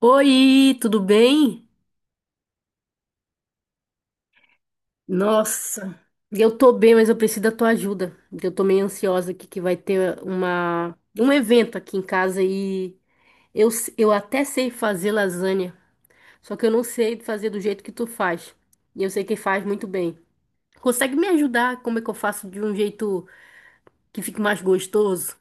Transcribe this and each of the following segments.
Oi, tudo bem? Nossa, eu tô bem, mas eu preciso da tua ajuda. Eu tô meio ansiosa aqui que vai ter um evento aqui em casa e eu até sei fazer lasanha, só que eu não sei fazer do jeito que tu faz. E eu sei que faz muito bem. Consegue me ajudar? Como é que eu faço de um jeito que fique mais gostoso?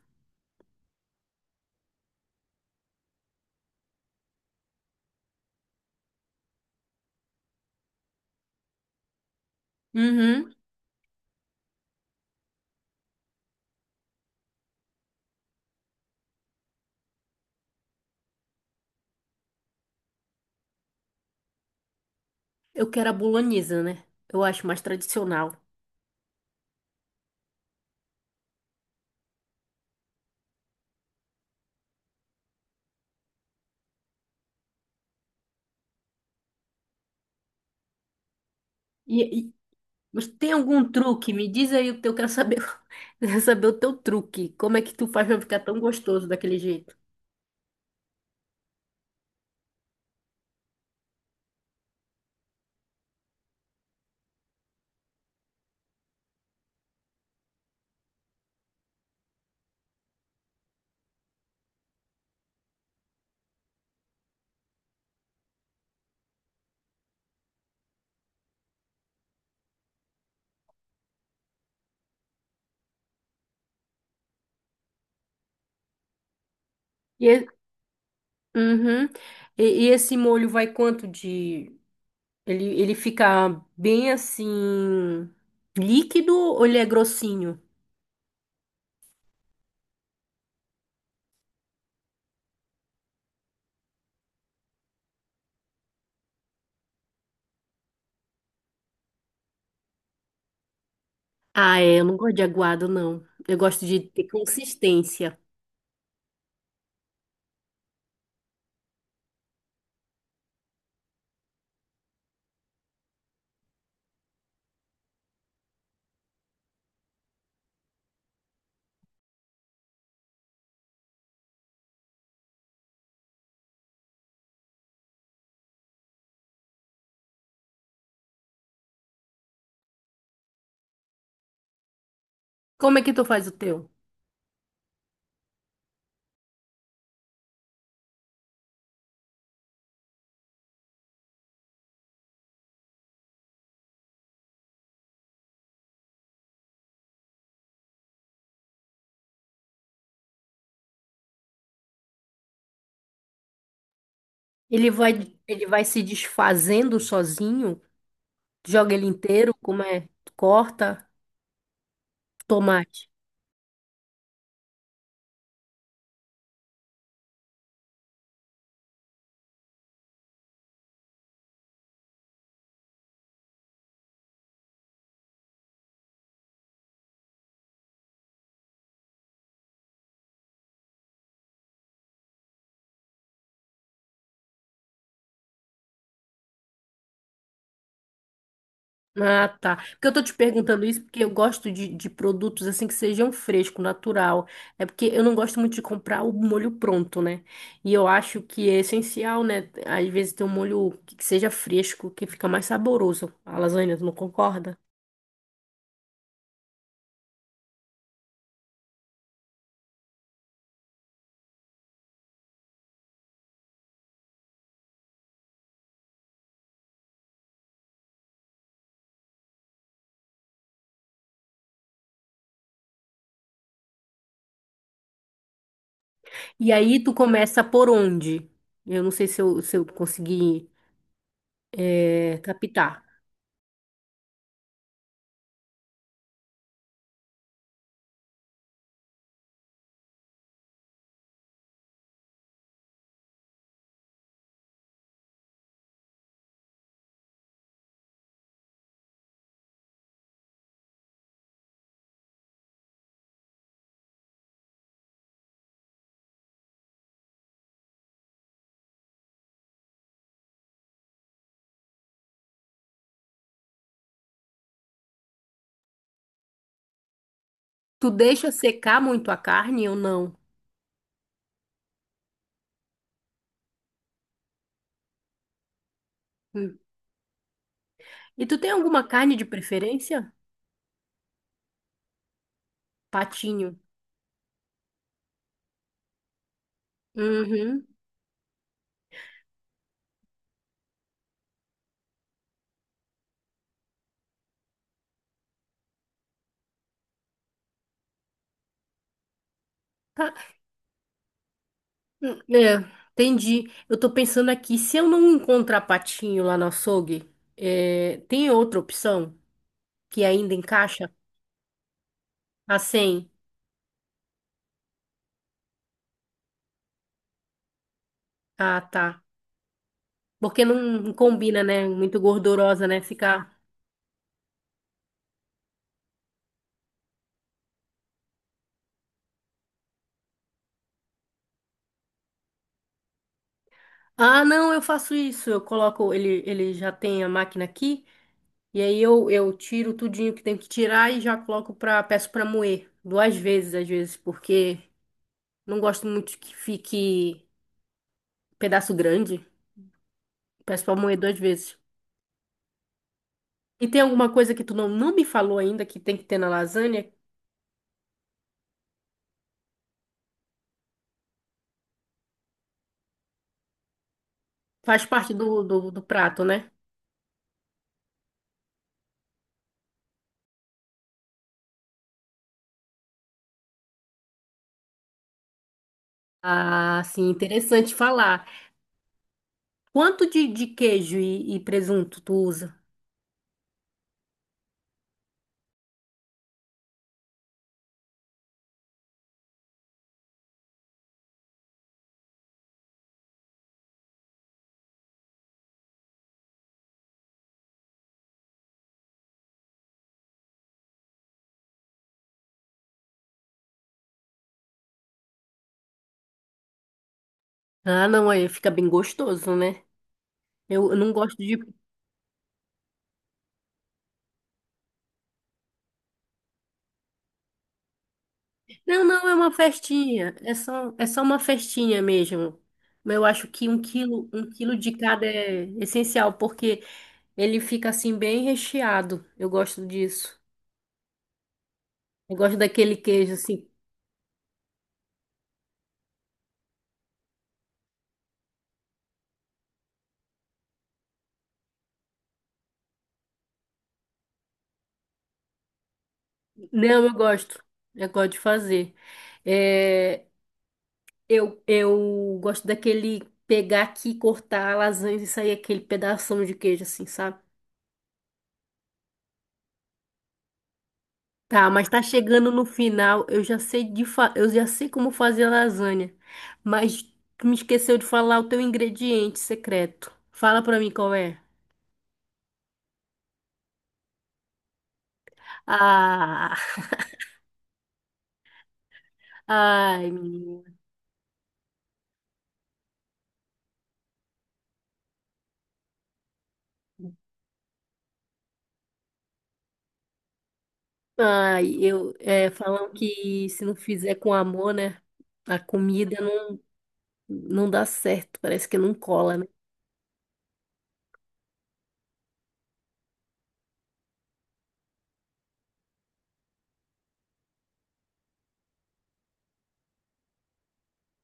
Uhum. Eu quero a bolonhesa, né? Eu acho mais tradicional. Mas tem algum truque? Me diz aí o teu, eu quero saber, eu quero saber o teu truque. Como é que tu faz pra ficar tão gostoso daquele jeito? E, e- uhum. E esse molho vai quanto de... ele fica bem assim, líquido ou ele é grossinho? Ah, é, eu não gosto de aguado, não. Eu gosto de ter consistência. Como é que tu faz o teu? Ele vai, ele vai se desfazendo sozinho? Joga ele inteiro? Como é? Corta? Tomate. Ah, tá. Porque eu tô te perguntando isso porque eu gosto de produtos assim que sejam fresco, natural. É porque eu não gosto muito de comprar o molho pronto, né? E eu acho que é essencial, né? Às vezes ter um molho que seja fresco, que fica mais saboroso. A lasanha, tu não concorda? E aí tu começa por onde? Eu não sei se eu consegui captar. Tu deixa secar muito a carne ou não? Hum. E tu tem alguma carne de preferência? Patinho. Uhum. Tá. É, entendi. Eu tô pensando aqui, se eu não encontrar patinho lá no açougue, tem outra opção que ainda encaixa? A 100? Ah, tá. Porque não combina, né? Muito gordurosa, né? Ficar. Ah, não, eu faço isso. Eu coloco, ele já tem a máquina aqui, e aí eu tiro tudinho que tem que tirar e já coloco pra, peço pra moer. Duas vezes, às vezes, porque não gosto muito que fique pedaço grande. Peço pra moer duas vezes. E tem alguma coisa que tu não, não me falou ainda que tem que ter na lasanha? Faz parte do do prato, né? Ah, sim, interessante falar. Quanto de queijo e presunto tu usa? Ah, não, aí fica bem gostoso, né? Eu não gosto de. Não, não, é uma festinha. É só uma festinha mesmo. Mas eu acho que um quilo de cada é essencial, porque ele fica assim bem recheado. Eu gosto disso. Eu gosto daquele queijo assim. Não, eu gosto. Eu gosto de fazer. É, eu gosto daquele pegar aqui, cortar a lasanha e sair aquele pedação de queijo assim, sabe? Tá, mas tá chegando no final. Eu já sei de fa... eu já sei como fazer a lasanha, mas tu me esqueceu de falar o teu ingrediente secreto. Fala pra mim qual é. Ah, ai, menina. Ai, eu é, falam que se não fizer com amor, né? A comida não dá certo, parece que não cola, né?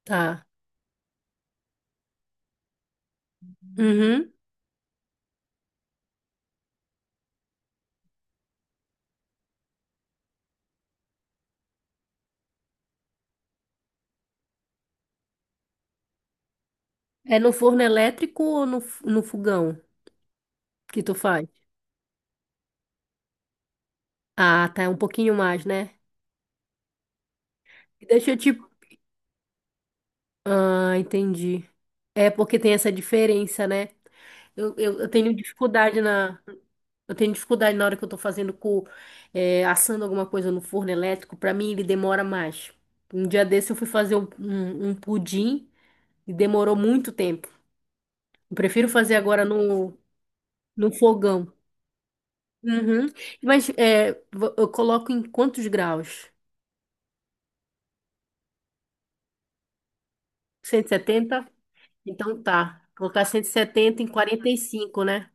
Tá. Uhum. É no forno elétrico ou no, no fogão que tu faz? Ah, tá, é um pouquinho mais, né? Deixa eu te... Ah, entendi. É porque tem essa diferença, né? Eu tenho dificuldade na... Eu tenho dificuldade na hora que eu tô fazendo com... é, assando alguma coisa no forno elétrico. Pra mim, ele demora mais. Um dia desse eu fui fazer um pudim e demorou muito tempo. Eu prefiro fazer agora no, no fogão. Uhum. Mas é, eu coloco em quantos graus? 170. Então tá. Colocar 170 em 45, né?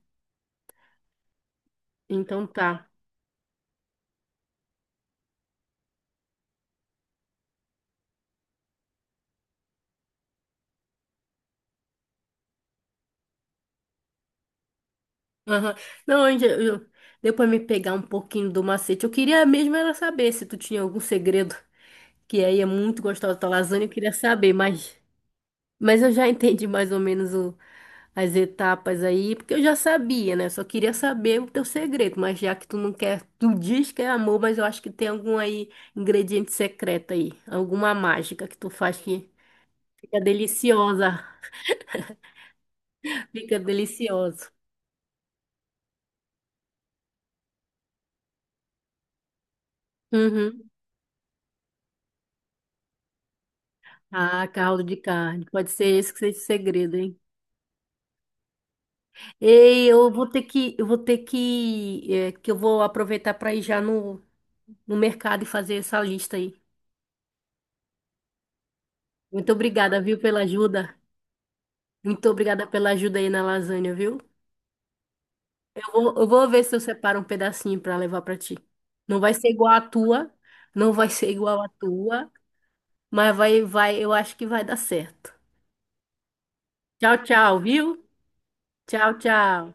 Então tá. Aham. Não, deu pra me pegar um pouquinho do macete. Eu queria mesmo era saber se tu tinha algum segredo, que aí é muito gostosa da lasanha, eu queria saber, mas eu já entendi mais ou menos o, as etapas aí, porque eu já sabia, né? Só queria saber o teu segredo, mas já que tu não quer, tu diz que é amor, mas eu acho que tem algum aí ingrediente secreto aí, alguma mágica que tu faz que fica deliciosa, fica delicioso. Uhum. Ah, caldo de carne. Pode ser esse que seja o segredo, hein? Ei, eu vou ter que, é, que eu vou aproveitar para ir já no, no mercado e fazer essa lista aí. Muito obrigada, viu, pela ajuda. Muito obrigada pela ajuda aí na lasanha, viu? Eu vou ver se eu separo um pedacinho pra levar pra ti. Não vai ser igual à tua, não vai ser igual à tua, mas vai, eu acho que vai dar certo. Tchau, tchau, viu? Tchau, tchau.